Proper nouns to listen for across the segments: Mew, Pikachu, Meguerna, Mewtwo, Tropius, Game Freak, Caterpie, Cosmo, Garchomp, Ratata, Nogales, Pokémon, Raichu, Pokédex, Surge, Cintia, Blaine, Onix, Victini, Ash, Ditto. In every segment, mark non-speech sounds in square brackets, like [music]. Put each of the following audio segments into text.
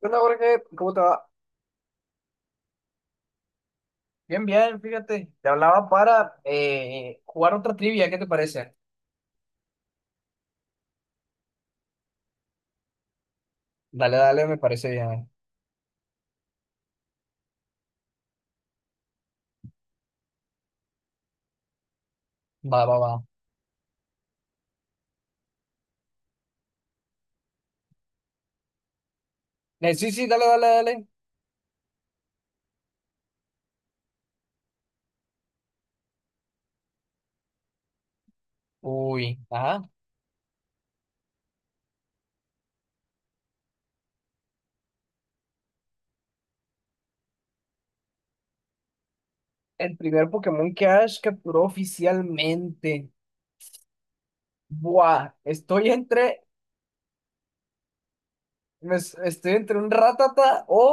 ¿Qué onda, Jorge? ¿Cómo te va? Bien, bien, fíjate, te hablaba para jugar otra trivia, ¿qué te parece? Dale, dale, me parece bien. Va, va, va. Sí, sí, dale, dale, dale. Uy, ajá. El primer Pokémon que Ash capturó oficialmente. Buah, estoy entre un Ratata o,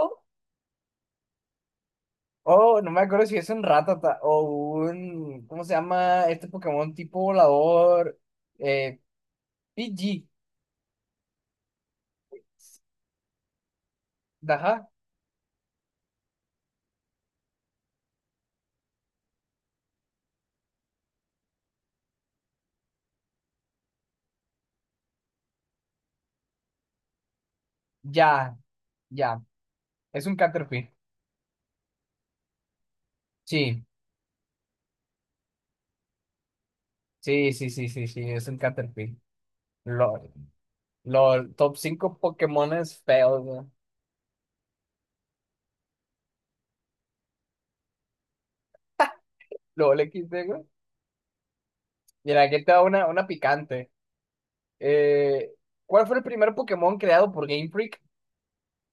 o, no me acuerdo si es un Ratata o un, ¿cómo se llama este Pokémon tipo volador? Eh, PG. Ajá, ya, ya. Es un Caterpie. Sí, sí, sí, sí, sí, sí, es un Caterpie. LOL. LOL. Top 5 Pokémones feos, güey. LOL XD, güey. Mira, aquí te da una picante. Eh, ¿Cuál fue el primer Pokémon creado por Game Freak?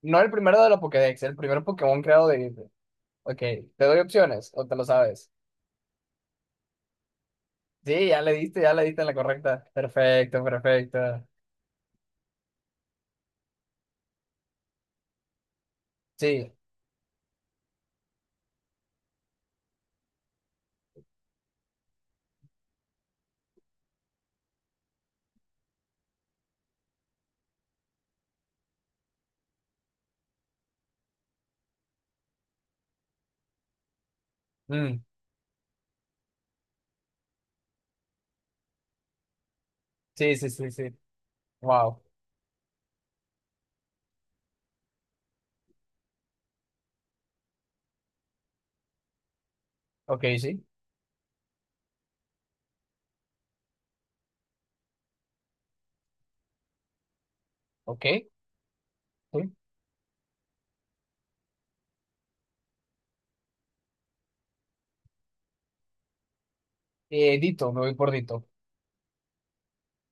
No el primero de la Pokédex, el primer Pokémon creado de Game Freak. Ok, te doy opciones o te lo sabes. Sí, ya le diste en la correcta. Perfecto, perfecto. Sí, mm, sí, sí, sí, sí. Wow. Ok, sí, ok. Sí. Dito, me voy por Dito.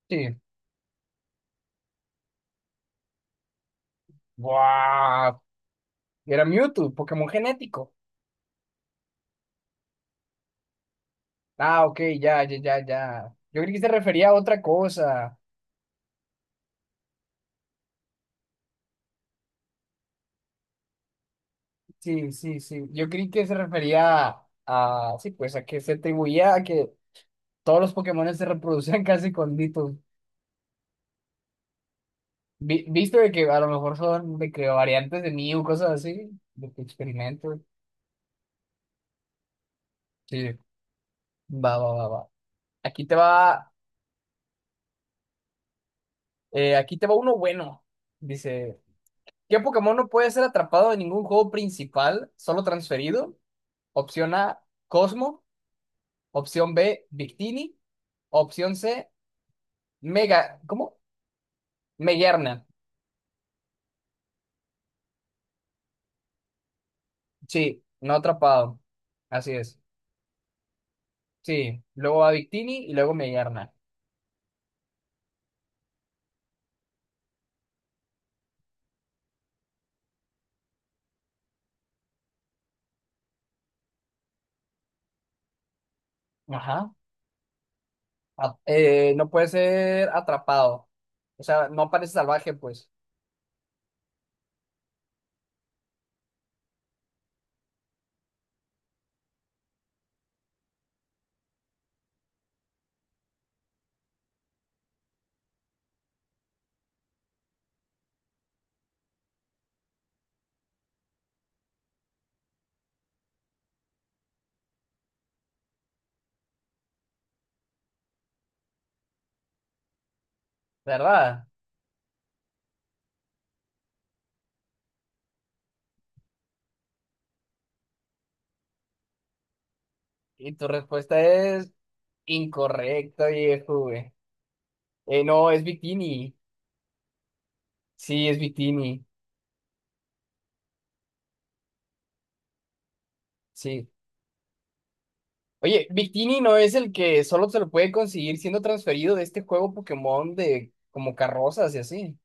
Sí. Wow, era Mewtwo, Pokémon genético. Ah, ok, ya, ya, ya, ya. Yo creí que se refería a otra cosa. Sí, sí, sí. Yo creí que se refería sí, pues a que se atribuía a que todos los Pokémon se reproducían [laughs] casi con Ditto. Visto de que a lo mejor son, me creo, variantes de Mew, cosas así, de que experimento. Sí, va, va, va, va. Aquí te va, aquí te va uno bueno. Dice, ¿qué Pokémon no puede ser atrapado en ningún juego principal, solo transferido? Opción A, Cosmo. Opción B, Victini. Opción C, Mega. ¿Cómo? Meguerna. Sí, no atrapado. Así es. Sí, luego a Victini y luego Meguerna. Ajá. No puede ser atrapado. O sea, no parece salvaje, pues. ¿Verdad? Y tu respuesta es incorrecta, viejo, güey. No, es Victini. Sí, es Victini. Sí. Oye, Victini no es el que solo se lo puede conseguir siendo transferido de este juego Pokémon de como carrozas y así.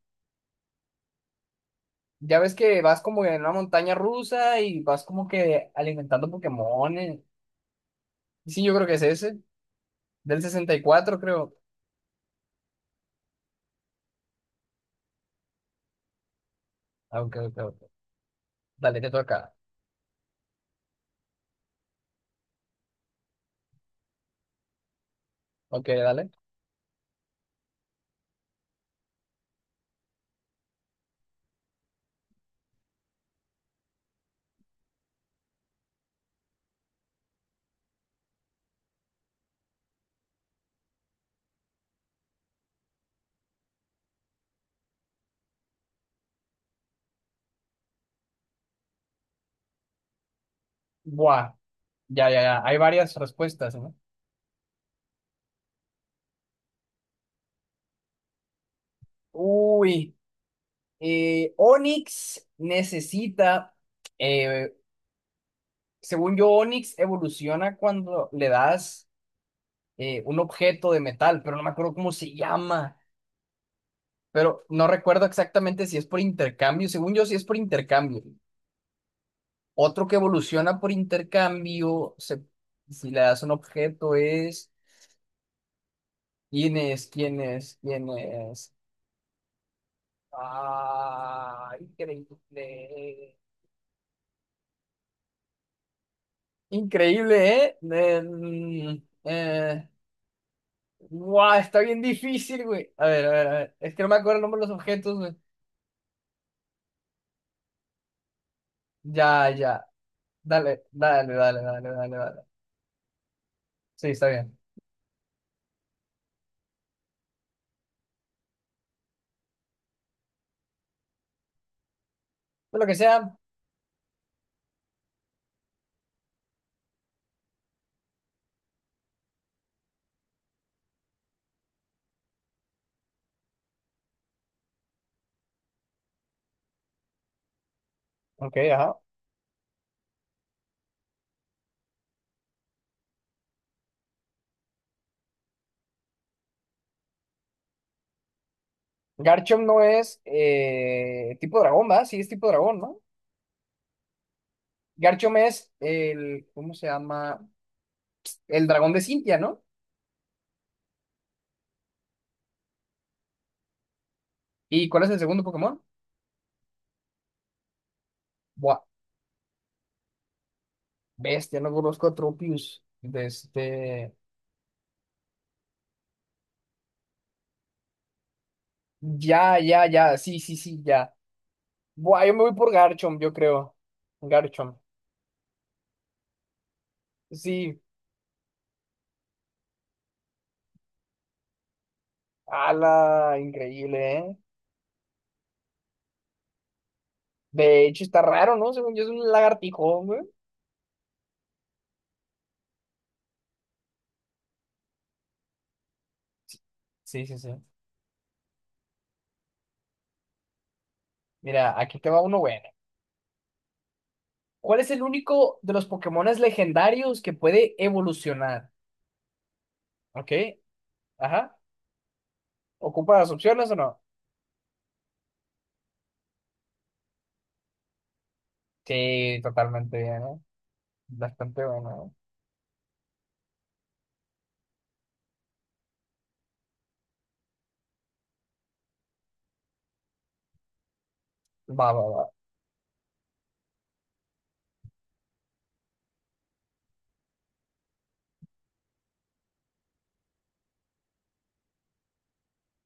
Ya ves que vas como en una montaña rusa y vas como que alimentando Pokémones. Sí, yo creo que es ese. Del 64, creo. Ah, ok, ok, ok. Dale, te toca. Ok, dale. Buah. Ya, ya, ya. Hay varias respuestas, ¿no? Uy. Onix necesita. eh, Según yo, Onix evoluciona cuando le das un objeto de metal, pero no me acuerdo cómo se llama. Pero no recuerdo exactamente si es por intercambio. Según yo, sí es por intercambio. Otro que evoluciona por intercambio, se- si le das un objeto, es. ¿Quién es? ¿Quién es? ¿Quién es? Ah, increíble. Increíble, ¿eh? Eh, Guau, está bien difícil, güey. A ver, a ver, a ver. Es que no me acuerdo el nombre de los objetos, güey. Ya, ya. Dale, dale, dale, dale, dale, dale. Sí, está bien. Pues lo que sea. Ok, ajá. Garchomp no es tipo dragón, ¿va? Sí, es tipo dragón, ¿no? Garchomp es el, ¿cómo se llama? El dragón de Cintia, ¿no? ¿Y cuál es el segundo Pokémon? Buah, bestia, no conozco a Tropius. De este... Ya, ya, ya, sí, sí, sí, ya. Buah, yo me voy por Garchomp, yo creo. Garchomp. Sí, ala, increíble, ¿eh? De hecho, está raro, ¿no? Según yo, es un lagartijón, güey. Sí, sí, sí. Mira, aquí te va uno bueno. ¿Cuál es el único de los Pokémones legendarios que puede evolucionar? ¿Ok? Ajá. ¿Ocupa las opciones o no? Sí, totalmente bien, ¿eh? Bastante bueno. ¿Eh? Va, va, va.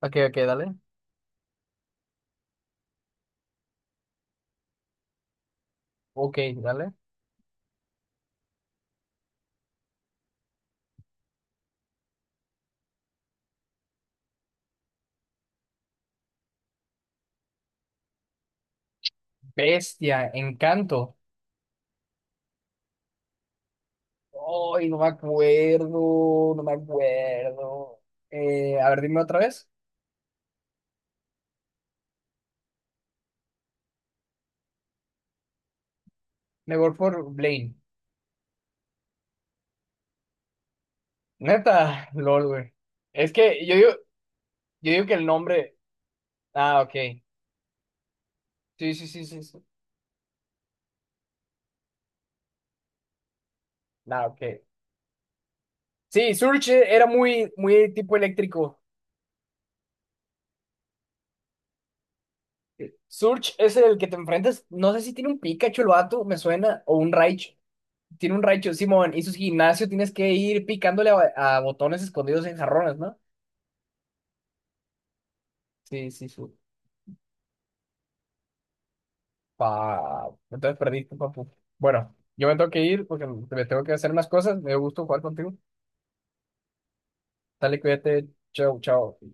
Ok, ok, dale. Ok, dale. Bestia, Encanto. Ay, no me acuerdo, no me acuerdo. A ver, dime otra vez. Me voy por Blaine. Neta, [laughs] lol, güey. Es que yo digo que el nombre. Ah, ok. Sí, sí, sí, sí, sí. Nah, ok. Sí, Surge era muy, muy tipo eléctrico. Surge es el que te enfrentas. No sé si tiene un Pikachu el vato, me suena, o un Raichu. Tiene un Raichu, Simón, y su gimnasio tienes que ir picándole a botones escondidos en jarrones, ¿no? Sí, sí, su. Pa... Entonces perdiste, papu. Bueno, yo me tengo que ir porque me tengo que hacer más cosas. Me dio gusto jugar contigo. Dale, cuídate. Chao, chao.